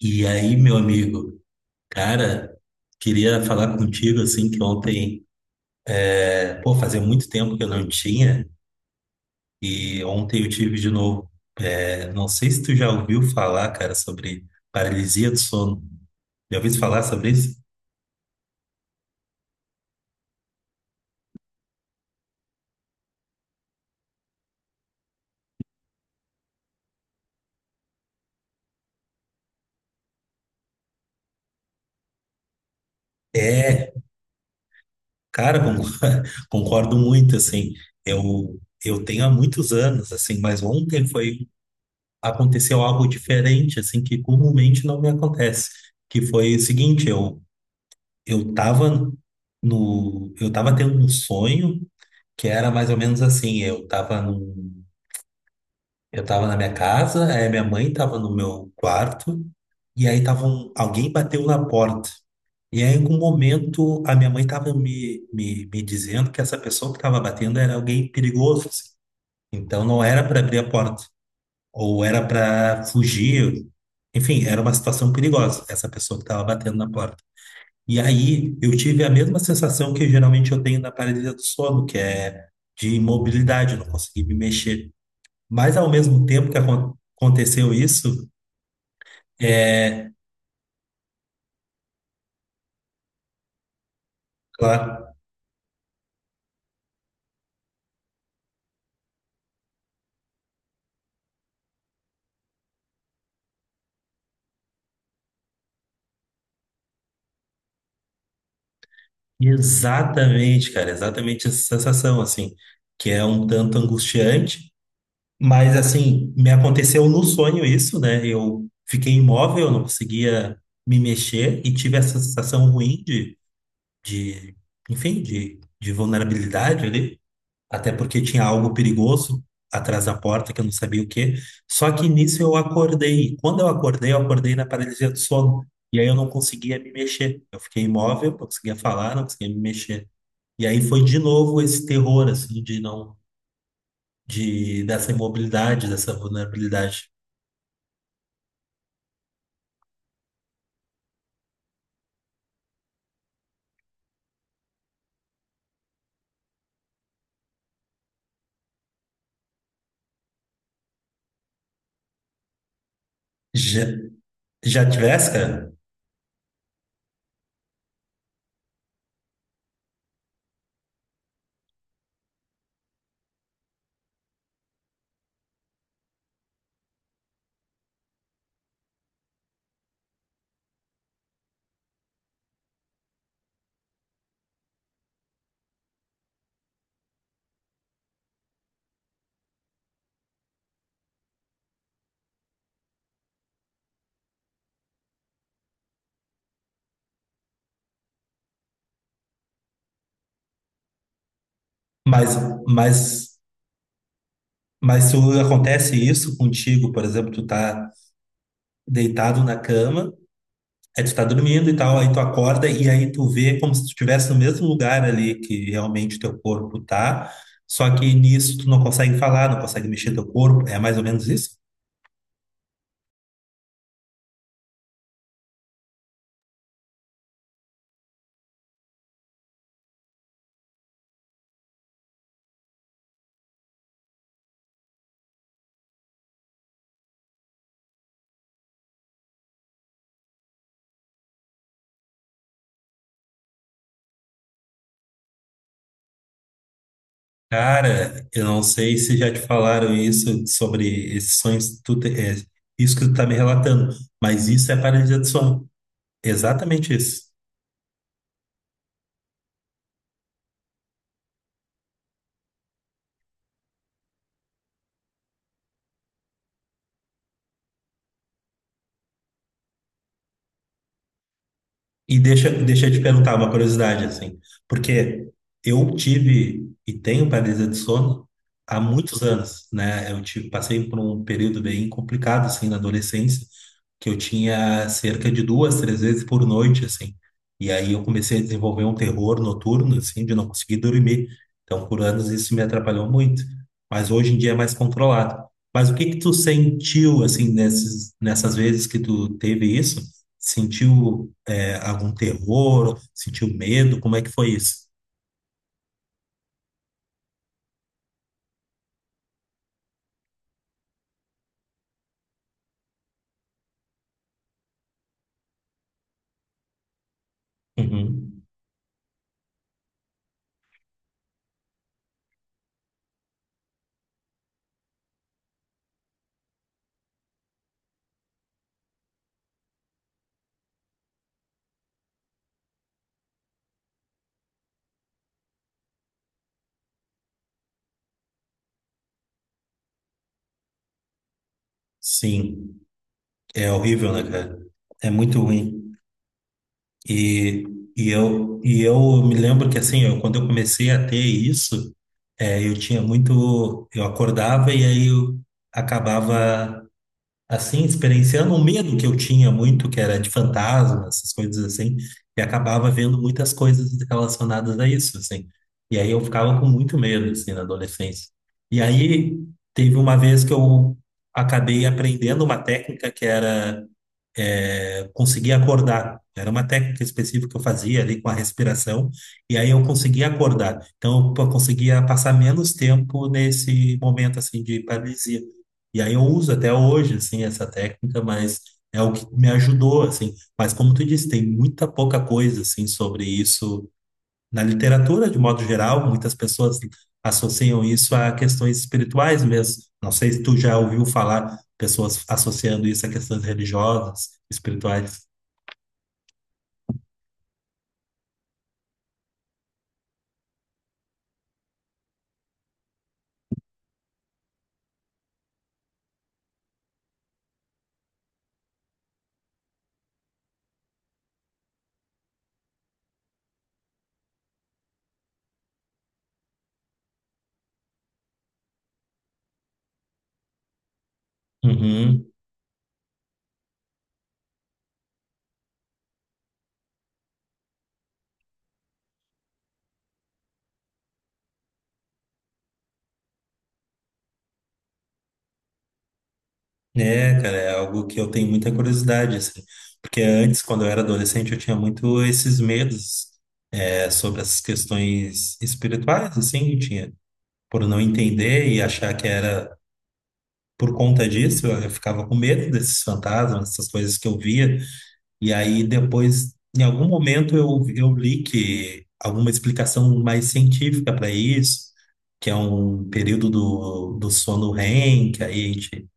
E aí, meu amigo, cara, queria falar contigo assim que ontem, pô, fazia muito tempo que eu não tinha, e ontem eu tive de novo. É, não sei se tu já ouviu falar, cara, sobre paralisia do sono. Já ouviu falar sobre isso? É, cara, con- concordo muito, assim. Eu, eu tenho há muitos anos, assim, mas ontem foi, aconteceu algo diferente, assim, que comumente não me acontece. Que foi o seguinte, eu tava no, eu tava tendo um sonho que era mais ou menos assim, eu tava na minha casa, aí minha mãe tava no meu quarto, e aí alguém bateu na porta. E aí, em algum momento, a minha mãe tava me dizendo que essa pessoa que tava batendo era alguém perigoso, assim. Então não era para abrir a porta, ou era para fugir. Enfim, era uma situação perigosa, essa pessoa que tava batendo na porta. E aí eu tive a mesma sensação que geralmente eu tenho na paralisia do sono, que é de imobilidade, eu não consegui me mexer. Mas ao mesmo tempo que aconteceu isso, é claro, exatamente, cara, exatamente essa sensação, assim, que é um tanto angustiante, mas assim, me aconteceu no sonho isso, né? Eu fiquei imóvel, eu não conseguia me mexer e tive essa sensação ruim de enfim, de vulnerabilidade ali. Até porque tinha algo perigoso atrás da porta, que eu não sabia o quê. Só que nisso eu acordei. E quando eu acordei na paralisia do sono. E aí eu não conseguia me mexer. Eu fiquei imóvel, não conseguia falar, não conseguia me mexer. E aí foi de novo esse terror, assim, de não, de, dessa imobilidade, dessa vulnerabilidade. Já, já tivesse, cara? Mas, mas, mas se acontece isso contigo, por exemplo, tu tá deitado na cama. Aí tu tá dormindo e tal, aí tu acorda e aí tu vê como se tu estivesse no mesmo lugar ali que realmente teu corpo tá, só que nisso tu não consegue falar, não consegue mexer teu corpo, é mais ou menos isso? Cara, eu não sei se já te falaram isso sobre esses sonhos, que tu te- é, isso que tu tá me relatando, mas isso é paralisia do sono, exatamente isso. E deixa eu te perguntar uma curiosidade, assim, porque eu tive e tenho paralisia de sono há muitos anos, né? Eu tive, passei por um período bem complicado, assim, na adolescência, que eu tinha cerca de duas, três vezes por noite, assim. E aí eu comecei a desenvolver um terror noturno, assim, de não conseguir dormir. Então, por anos isso me atrapalhou muito, mas hoje em dia é mais controlado. Mas o que que tu sentiu, assim, nessas vezes que tu teve isso? Sentiu algum terror? Sentiu medo? Como é que foi isso? Uhum. Sim, é horrível, né, cara? É muito ruim. E, eu, e eu me lembro que, assim, eu, quando eu comecei a ter isso, é, eu tinha muito. Eu acordava e aí eu acabava. Assim, experienciando um medo que eu tinha muito, que era de fantasma, essas coisas assim, e acabava vendo muitas coisas relacionadas a isso, assim. E aí eu ficava com muito medo, assim, na adolescência. E aí teve uma vez que eu acabei aprendendo uma técnica que era conseguia acordar. Era uma técnica específica que eu fazia ali com a respiração, e aí eu conseguia acordar. Então, eu conseguia passar menos tempo nesse momento, assim, de paralisia. E aí eu uso até hoje, assim, essa técnica, mas é o que me ajudou, assim. Mas como tu disse, tem muita pouca coisa, assim, sobre isso na literatura, de modo geral, muitas pessoas associam isso a questões espirituais mesmo. Não sei se tu já ouviu falar pessoas associando isso a questões religiosas, espirituais. Uhum. É, cara, é algo que eu tenho muita curiosidade, assim. Porque antes, quando eu era adolescente, eu tinha muito esses medos, sobre essas questões espirituais, assim, eu tinha, por não entender e achar que era por conta disso, eu ficava com medo desses fantasmas, essas coisas que eu via. E aí depois, em algum momento, eu li que alguma explicação mais científica para isso, que é um período do sono REM, que aí a gente,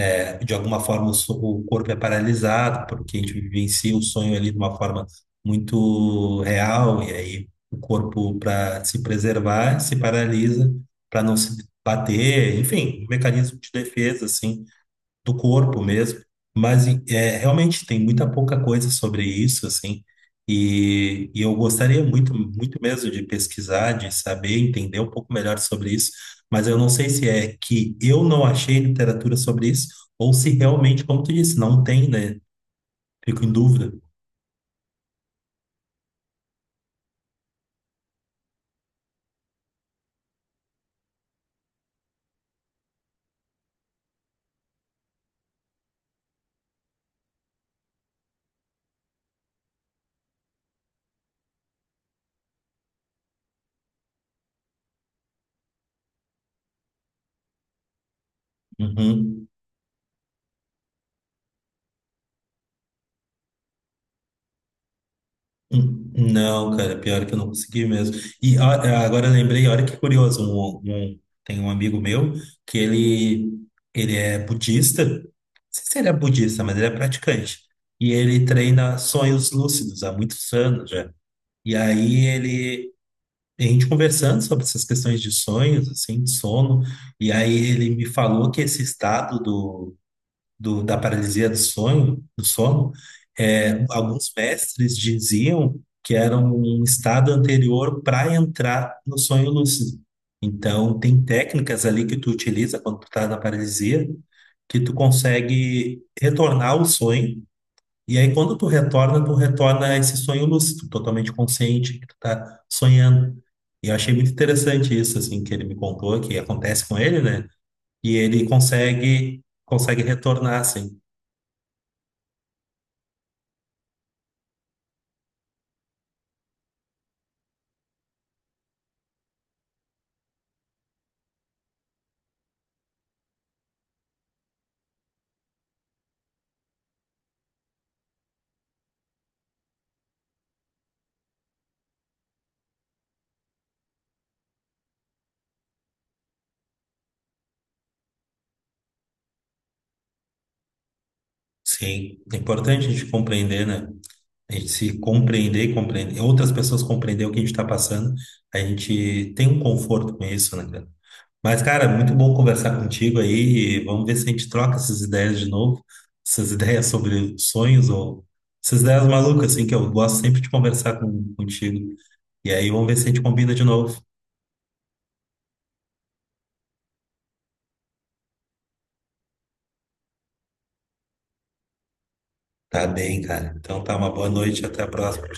de alguma forma, o corpo é paralisado, porque a gente vivencia o sonho ali de uma forma muito real, e aí o corpo, para se preservar, se paralisa para não se bater, enfim, um mecanismo de defesa, assim do corpo mesmo, mas é, realmente tem muita pouca coisa sobre isso, assim, e eu gostaria muito, muito mesmo de pesquisar, de saber, entender um pouco melhor sobre isso, mas eu não sei se é que eu não achei literatura sobre isso, ou se realmente, como tu disse, não tem, né? Fico em dúvida. Uhum. Não, cara, pior que eu não consegui mesmo. E ó, é, agora eu lembrei, olha que curioso, tem um amigo meu que ele, ele é budista, não sei se ele é budista, mas ele é praticante, e ele treina sonhos lúcidos há muitos anos já. E aí ele, a gente conversando sobre essas questões de sonhos, assim, de sono, e aí ele me falou que esse estado da paralisia do sonho, do sono, é, alguns mestres diziam que era um estado anterior para entrar no sonho lúcido. Então, tem técnicas ali que tu utiliza quando tu tá na paralisia, que tu consegue retornar ao sonho. E aí, quando tu retorna a esse sonho lúcido, totalmente consciente que tu tá sonhando. E eu achei muito interessante isso, assim, que ele me contou, que acontece com ele, né? E ele consegue retornar, assim. Sim, é importante a gente compreender, né? A gente se compreender e compreender, outras pessoas compreender o que a gente está passando, a gente tem um conforto com isso, né, cara? Mas, cara, muito bom conversar contigo aí e vamos ver se a gente troca essas ideias de novo, essas ideias sobre sonhos ou essas ideias malucas, assim, que eu gosto sempre de conversar contigo. E aí vamos ver se a gente combina de novo. Tá bem, cara. Então tá, uma boa noite, até a próxima.